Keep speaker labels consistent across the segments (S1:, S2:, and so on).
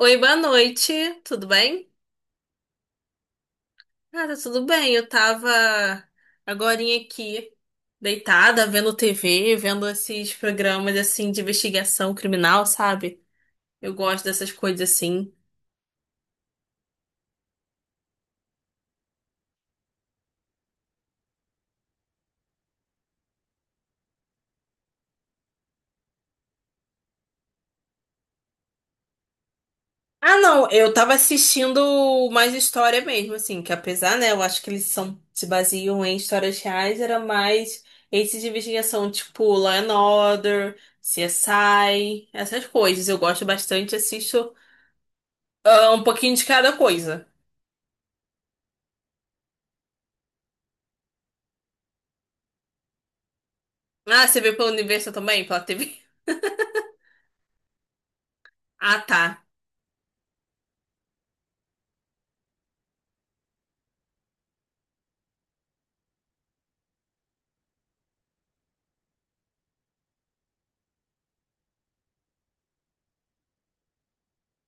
S1: Oi, boa noite, tudo bem? Ah, tá tudo bem. Eu tava agorinha aqui, deitada, vendo TV, vendo esses programas assim de investigação criminal, sabe? Eu gosto dessas coisas assim. Ah, não, eu tava assistindo mais história mesmo, assim, que apesar, né, eu acho que eles são, se baseiam em histórias reais, era mais esses de investigação, tipo Law and Order, CSI, essas coisas. Eu gosto bastante, assisto um pouquinho de cada coisa. Ah, você veio pelo universo também? Pela TV? Ah, tá.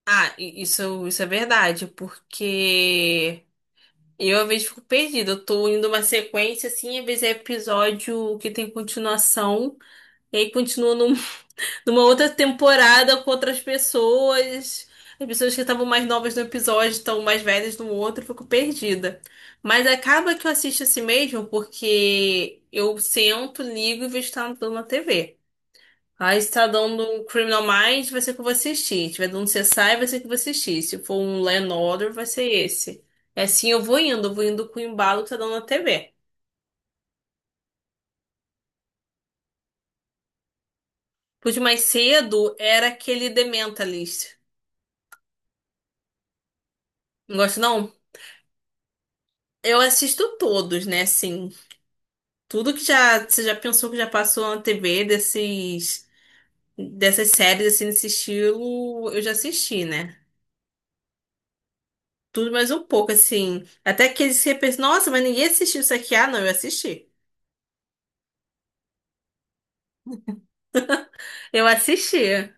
S1: Ah, isso, é verdade, porque eu às vezes fico perdida. Eu tô indo uma sequência assim, às vezes é episódio que tem continuação, e aí continua numa outra temporada com outras pessoas. As pessoas que estavam mais novas no episódio estão mais velhas no outro, eu fico perdida. Mas acaba que eu assisto assim mesmo, porque eu sento, ligo e vejo que tá dando na TV. Aí se tá dando um Criminal Minds, vai ser o que eu vou assistir. Se tiver dando CSI, vai ser o que eu vou assistir. Se for um Law and Order, vai ser esse. É assim, eu vou indo com o embalo que tá dando na TV. Por de mais cedo era aquele The Mentalist. Não gosto, não? Eu assisto todos, né? Assim, tudo que já você já pensou que já passou na TV desses dessas séries assim nesse estilo, eu já assisti, né? Tudo mais um pouco assim, até que eles pensam, nossa, mas ninguém assistiu isso aqui. Ah, não, eu assisti. Eu assisti.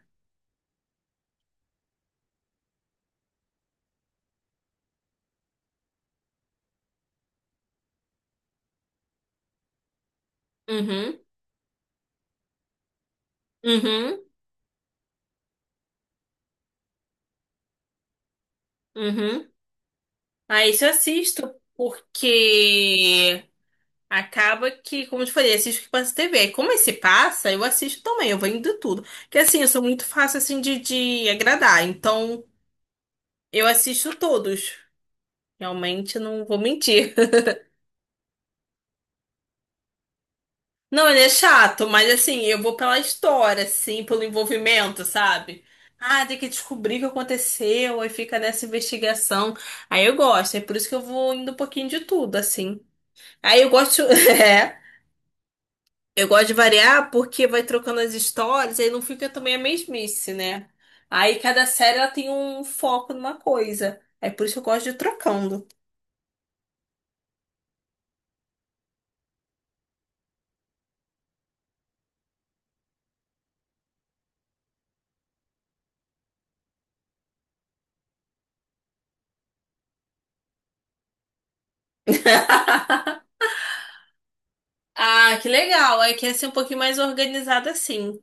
S1: Uhum, uhum, uhum. Ah, isso eu assisto, porque acaba que, como eu te falei, assisto o que passa na TV. Aí, como esse passa, eu assisto também, eu vou indo tudo. Porque assim, eu sou muito fácil assim de agradar, então eu assisto todos. Realmente não vou mentir. Não, ele é chato, mas assim, eu vou pela história, assim, pelo envolvimento, sabe? Ah, tem que descobrir o que aconteceu, aí fica nessa investigação. Aí eu gosto, é por isso que eu vou indo um pouquinho de tudo, assim. Aí eu gosto. É. Eu gosto de variar porque vai trocando as histórias, aí não fica também a mesmice, né? Aí cada série ela tem um foco numa coisa. É por isso que eu gosto de ir trocando. Ah, que legal. Aí quer ser um pouquinho mais organizada assim.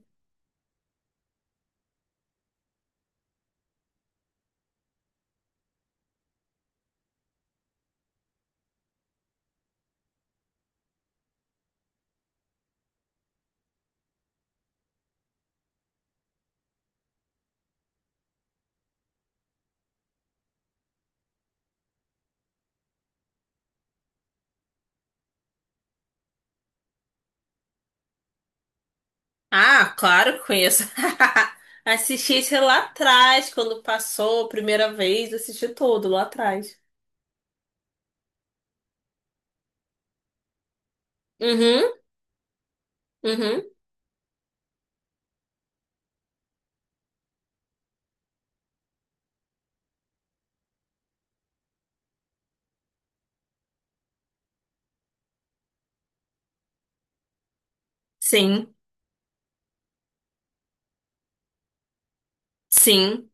S1: Ah, claro que conheço. Assisti esse lá atrás, quando passou a primeira vez, assisti todo lá atrás. Uhum, uhum. Sim, sim.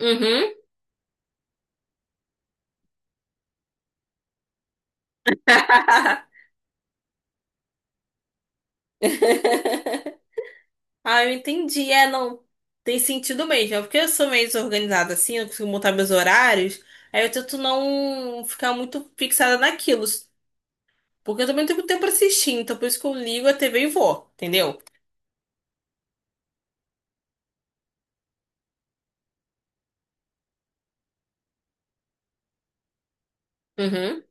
S1: Uhum. Ah, eu entendi. É, não. Tem sentido mesmo. É porque eu sou meio desorganizada assim, eu consigo montar meus horários. Aí eu tento não ficar muito fixada naquilo. Porque eu também não tenho tempo pra assistir. Então por isso que eu ligo a TV e vou. Entendeu? Uhum.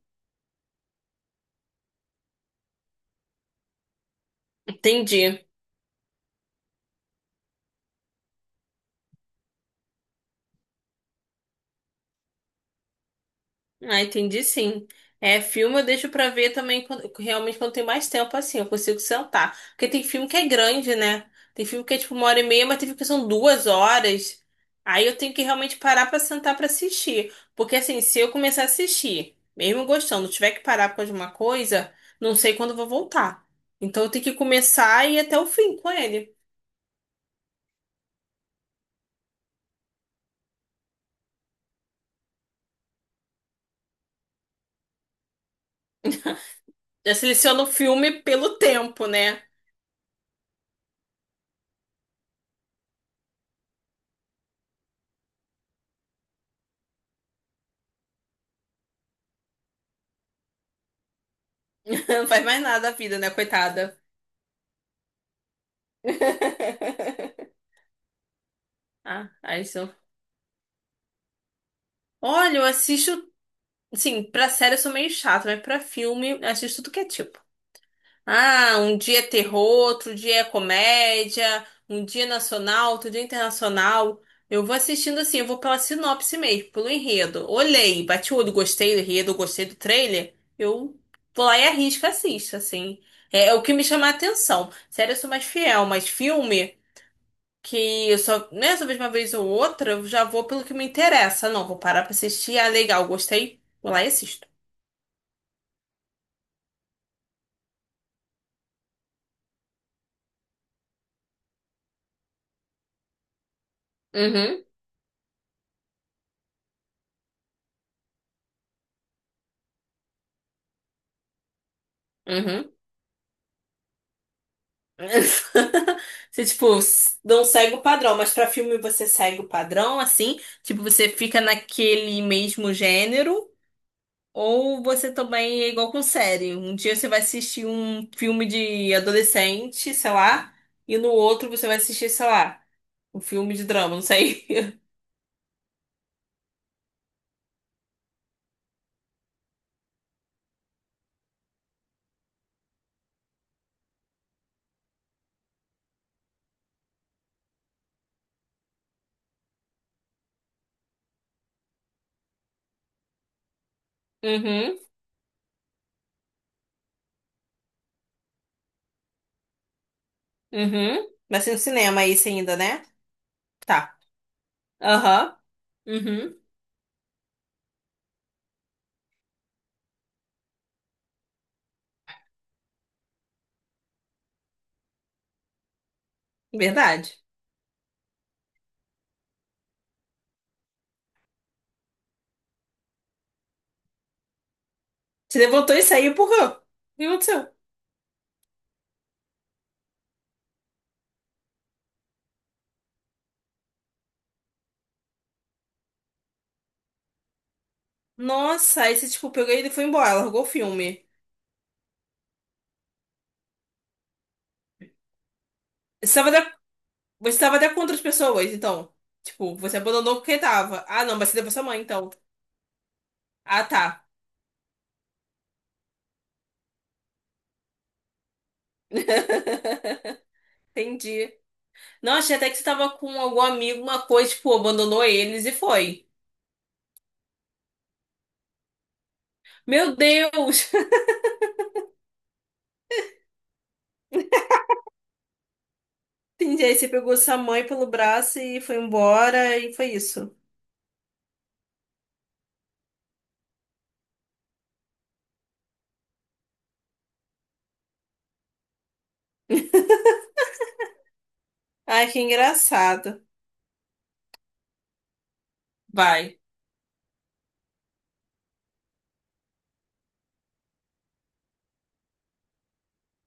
S1: Entendi. Ah, entendi sim. É, filme eu deixo pra ver também quando- realmente quando tem mais tempo assim, eu consigo sentar. Porque tem filme que é grande, né? Tem filme que é tipo uma hora e meia, mas tem filme que são duas horas. Aí eu tenho que realmente parar pra sentar pra assistir. Porque assim, se eu começar a assistir, mesmo gostando, tiver que parar por causa de uma coisa, não sei quando eu vou voltar. Então eu tenho que começar e ir até o fim com ele. Já seleciono o filme pelo tempo, né? Não faz mais nada a vida, né, coitada? Ah, aí olha, eu assisto, assim, pra série eu sou meio chata, mas pra filme eu assisto tudo que é tipo. Ah, um dia é terror, outro dia é comédia, um dia é nacional, outro dia é internacional. Eu vou assistindo assim, eu vou pela sinopse mesmo, pelo enredo. Olhei, bati o olho, gostei do enredo, gostei do trailer, eu vou lá e arrisco, assisto, assim. É, é o que me chama a atenção. Série eu sou mais fiel, mas filme que eu só, né, só vejo uma vez ou outra, eu já vou pelo que me interessa. Não, vou parar pra assistir. Ah, legal, gostei. Vou lá e assisto. Uhum, uhum. Você, tipo, s- não segue o padrão, mas pra filme você segue o padrão, assim? Tipo, você fica naquele mesmo gênero? Ou você também é igual com série? Um dia você vai assistir um filme de adolescente, sei lá, e no outro você vai assistir, sei lá, um filme de drama, não sei. Uhum. Uhum. Vai ser no cinema isso ainda, né? Tá. Aham. Uhum. Verdade. Você levantou e saiu por quê? O que aconteceu? Nossa, aí você, tipo, pegou ele e foi embora, largou o filme. Você tava até, você tava até com outras pessoas, então. Tipo, você abandonou porque tava. Ah, não, mas você levou sua mãe, então. Ah, tá. Entendi. Não, achei até que você tava com algum amigo, uma coisa, tipo, abandonou eles e foi. Meu Deus! Entendi. Aí você pegou sua mãe pelo braço e foi embora, e foi isso. Ai, que engraçado. Vai.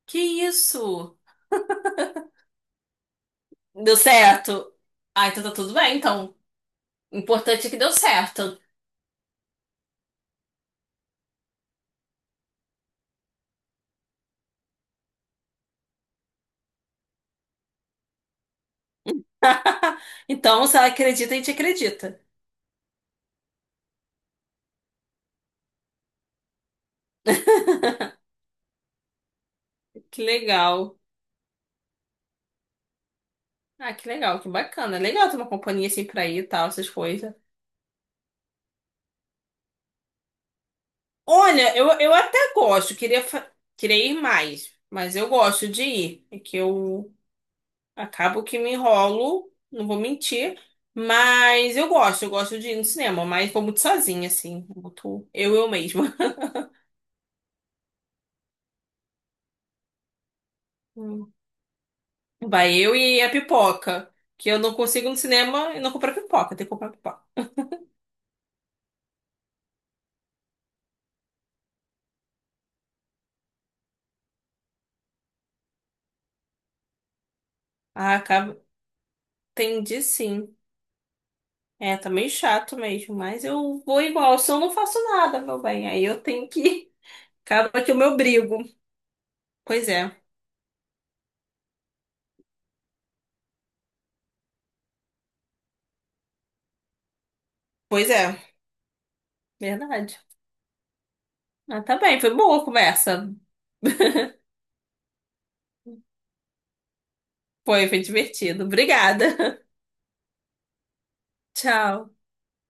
S1: Que isso? Deu certo? Ah, então tá tudo bem, então. O importante é que deu certo. Então, se ela acredita, a gente acredita. Que legal. Ah, que legal, que bacana. Legal ter uma companhia assim pra ir e tal, essas coisas. Olha, eu até gosto, queria ir mais, mas eu gosto de ir. É que eu acabo que me enrolo, não vou mentir, mas eu gosto de ir no cinema, mas vou muito sozinha, assim, muito eu mesma. Hum. Vai eu e a pipoca. Que eu não consigo ir no cinema e não comprar pipoca. Tem que comprar pipoca. Ah, acaba... Entendi, sim. É, tá meio chato mesmo, mas eu vou igual. Se eu não faço nada, meu bem, aí eu tenho que... ir. Acaba que eu me obrigo. Pois é. Pois é. Verdade. Ah, tá bem. Foi boa a conversa. Foi divertido. Obrigada. Tchau.